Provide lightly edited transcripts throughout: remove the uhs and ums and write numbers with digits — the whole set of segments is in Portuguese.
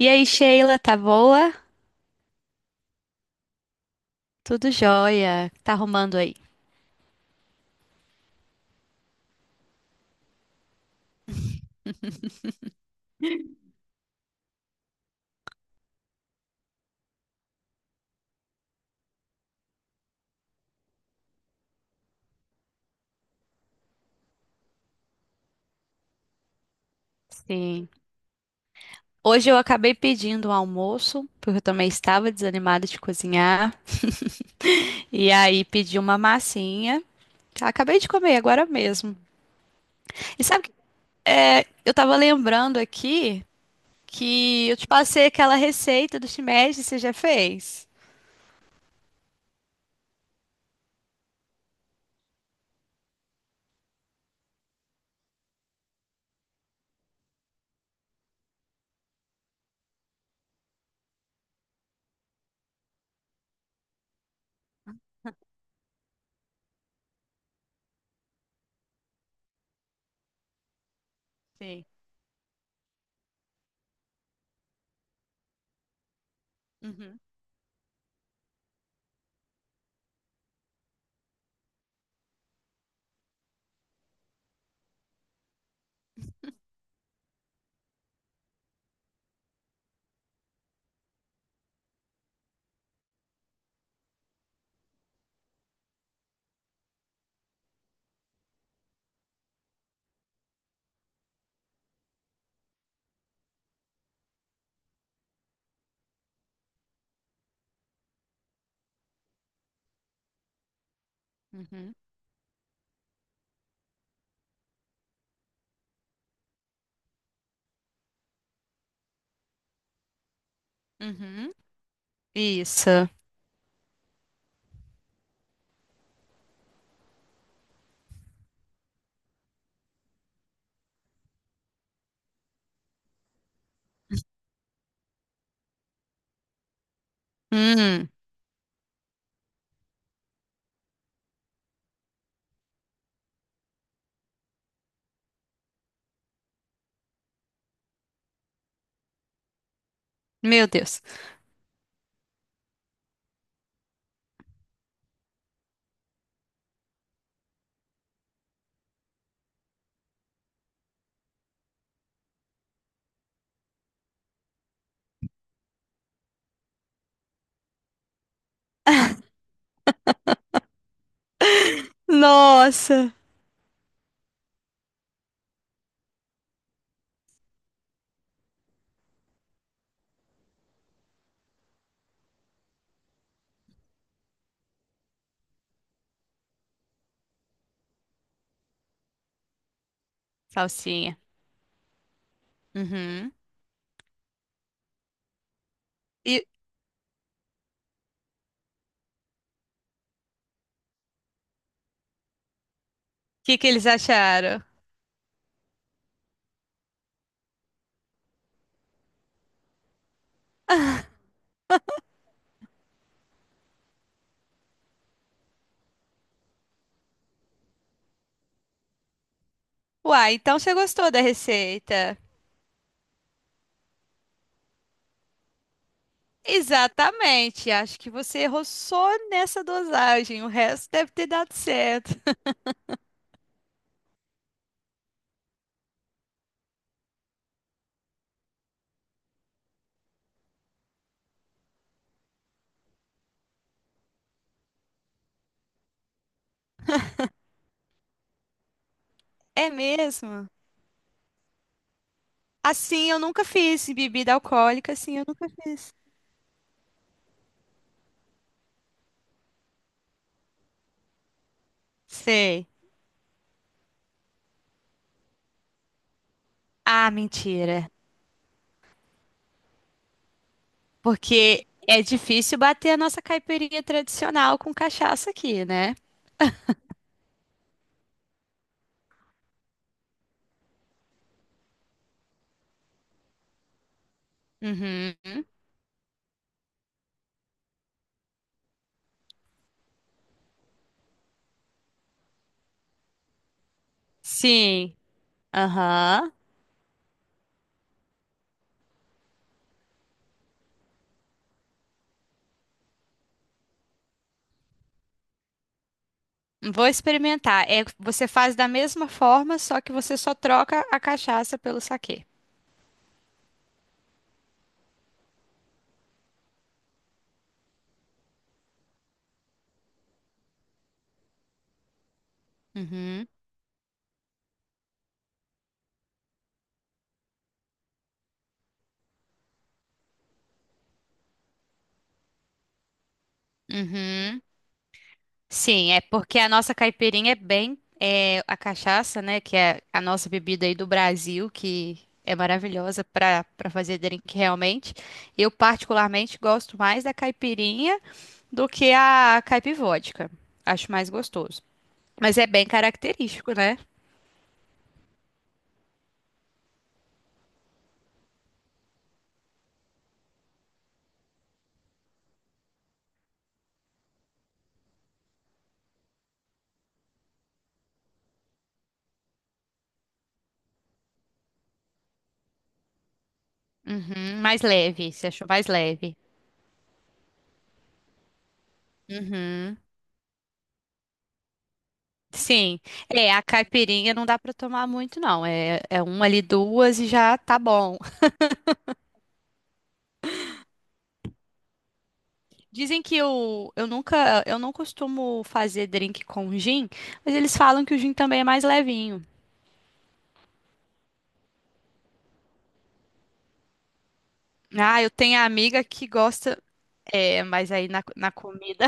E aí, Sheila, tá boa? Tudo jóia? Tá arrumando aí? Sim. Hoje eu acabei pedindo um almoço, porque eu também estava desanimada de cozinhar. E aí pedi uma massinha. Tá, acabei de comer agora mesmo. E sabe, eu tava lembrando aqui que eu te passei aquela receita do shimeji, você já fez? Sim. Uhum, uhum, uhum. Isso. Hum, meu Deus. Nossa. Salsinha. Uhum. Que eles acharam? Uai, então você gostou da receita? Exatamente, acho que você errou só nessa dosagem, o resto deve ter dado certo. É mesmo? Assim eu nunca fiz bebida alcoólica, assim eu nunca sei. Ah, mentira. Porque é difícil bater a nossa caipirinha tradicional com cachaça aqui, né? Uhum. Sim. Aham. Vou experimentar. É, você faz da mesma forma, só que você só troca a cachaça pelo saquê. Uhum, uhum. Sim, é porque a nossa caipirinha é bem é, a cachaça, né? Que é a nossa bebida aí do Brasil, que é maravilhosa para para fazer drink realmente. Eu particularmente gosto mais da caipirinha do que a caipivódica. Acho mais gostoso. Mas é bem característico, né? Uhum, mais leve, você achou mais leve. Uhum. Sim, é, a caipirinha não dá para tomar muito, não. É, é uma ali, duas e já tá bom. Dizem que eu nunca, eu não costumo fazer drink com gin, mas eles falam que o gin também é mais levinho. Ah, eu tenho a amiga que gosta, é, mas aí na comida,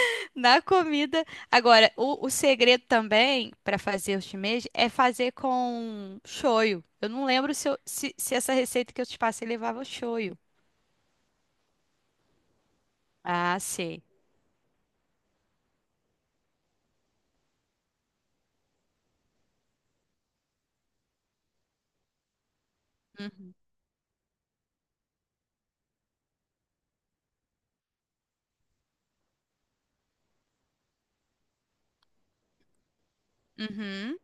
na comida. Agora, o segredo também para fazer o shimeji é fazer com shoyu. Eu não lembro se essa receita que eu te passei levava shoyu. Ah, sei. Uhum. Uhum.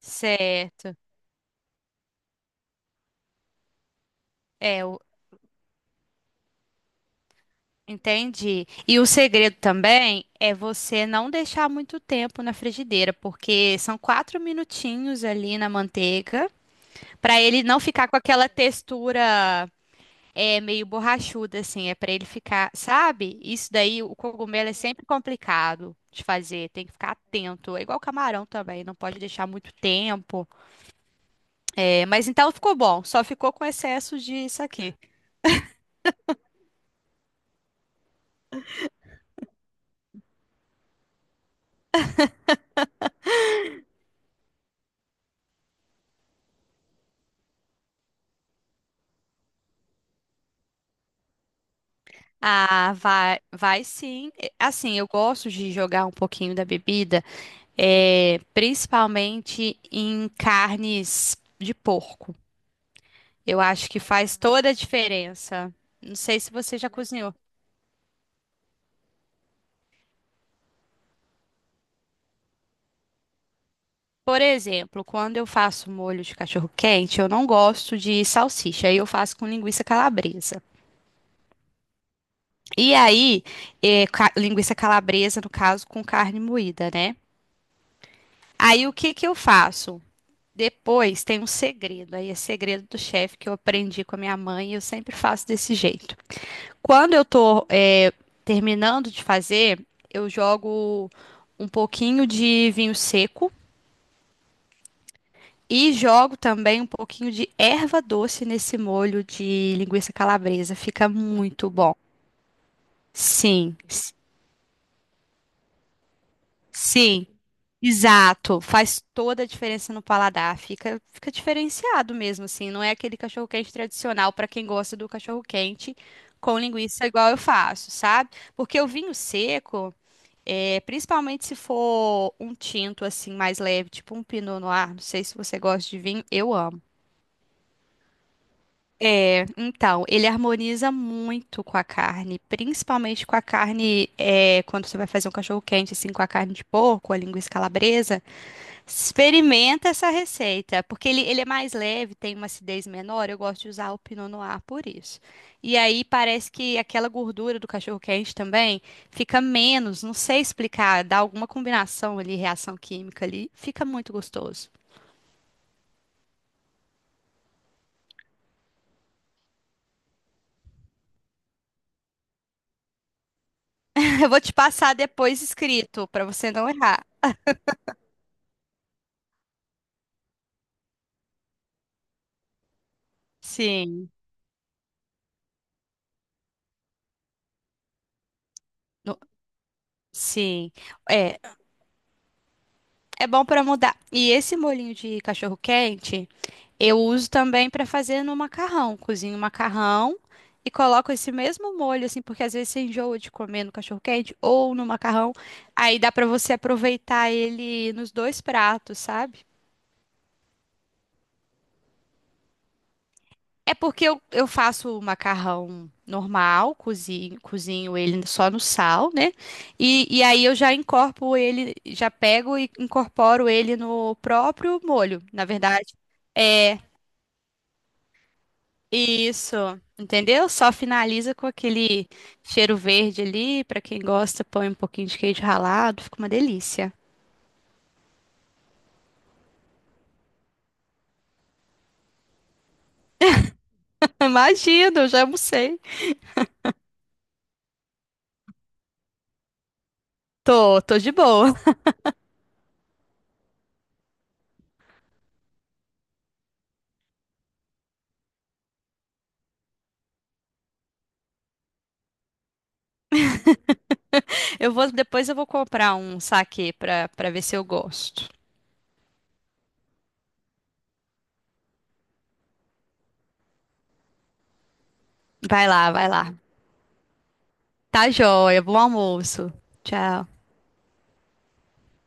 Certo. É, entendi. E o segredo também é você não deixar muito tempo na frigideira, porque são quatro minutinhos ali na manteiga, para ele não ficar com aquela textura é, meio borrachuda, assim, é para ele ficar, sabe? Isso daí, o cogumelo é sempre complicado de fazer, tem que ficar atento. É igual camarão também, não pode deixar muito tempo. É, mas então ficou bom, só ficou com excesso de saquê. Ah, vai, vai sim. E, assim, eu gosto de jogar um pouquinho da bebida, é, principalmente em carnes de porco. Eu acho que faz toda a diferença. Não sei se você já cozinhou. Por exemplo, quando eu faço molho de cachorro-quente, eu não gosto de salsicha, aí eu faço com linguiça calabresa. E aí, linguiça calabresa, no caso, com carne moída, né? Aí o que que eu faço? Depois tem um segredo, aí é segredo do chefe que eu aprendi com a minha mãe e eu sempre faço desse jeito. Quando eu tô terminando de fazer, eu jogo um pouquinho de vinho seco e jogo também um pouquinho de erva doce nesse molho de linguiça calabresa. Fica muito bom. Sim. Sim, exato. Faz toda a diferença no paladar. Fica diferenciado mesmo, assim. Não é aquele cachorro-quente tradicional para quem gosta do cachorro-quente com linguiça igual eu faço, sabe? Porque o vinho seco, é, principalmente se for um tinto assim mais leve, tipo um Pinot Noir, não sei se você gosta de vinho, eu amo. Então, ele harmoniza muito com a carne, principalmente com a carne, é, quando você vai fazer um cachorro-quente assim com a carne de porco, a linguiça calabresa. Experimenta essa receita, porque ele é mais leve, tem uma acidez menor. Eu gosto de usar o Pinot Noir por isso. E aí parece que aquela gordura do cachorro quente também fica menos, não sei explicar, dá alguma combinação ali, reação química ali, fica muito gostoso. Eu vou te passar depois escrito para você não errar. Sim, no- sim. É, é bom para mudar. E esse molhinho de cachorro quente eu uso também para fazer no macarrão. Cozinho o macarrão e coloco esse mesmo molho, assim, porque às vezes você enjoa de comer no cachorro-quente ou no macarrão. Aí dá para você aproveitar ele nos dois pratos, sabe? É porque eu faço o macarrão normal, cozinho ele só no sal, né? E aí eu já incorporo ele, já pego e incorporo ele no próprio molho. Na verdade. É, isso, entendeu? Só finaliza com aquele cheiro verde ali. Pra quem gosta, põe um pouquinho de queijo ralado, fica uma delícia. Imagina, eu já almocei. Tô, tô de boa. Eu vou, depois eu vou comprar um saquê pra ver se eu gosto. Vai lá, vai lá. Tá joia, bom almoço. Tchau.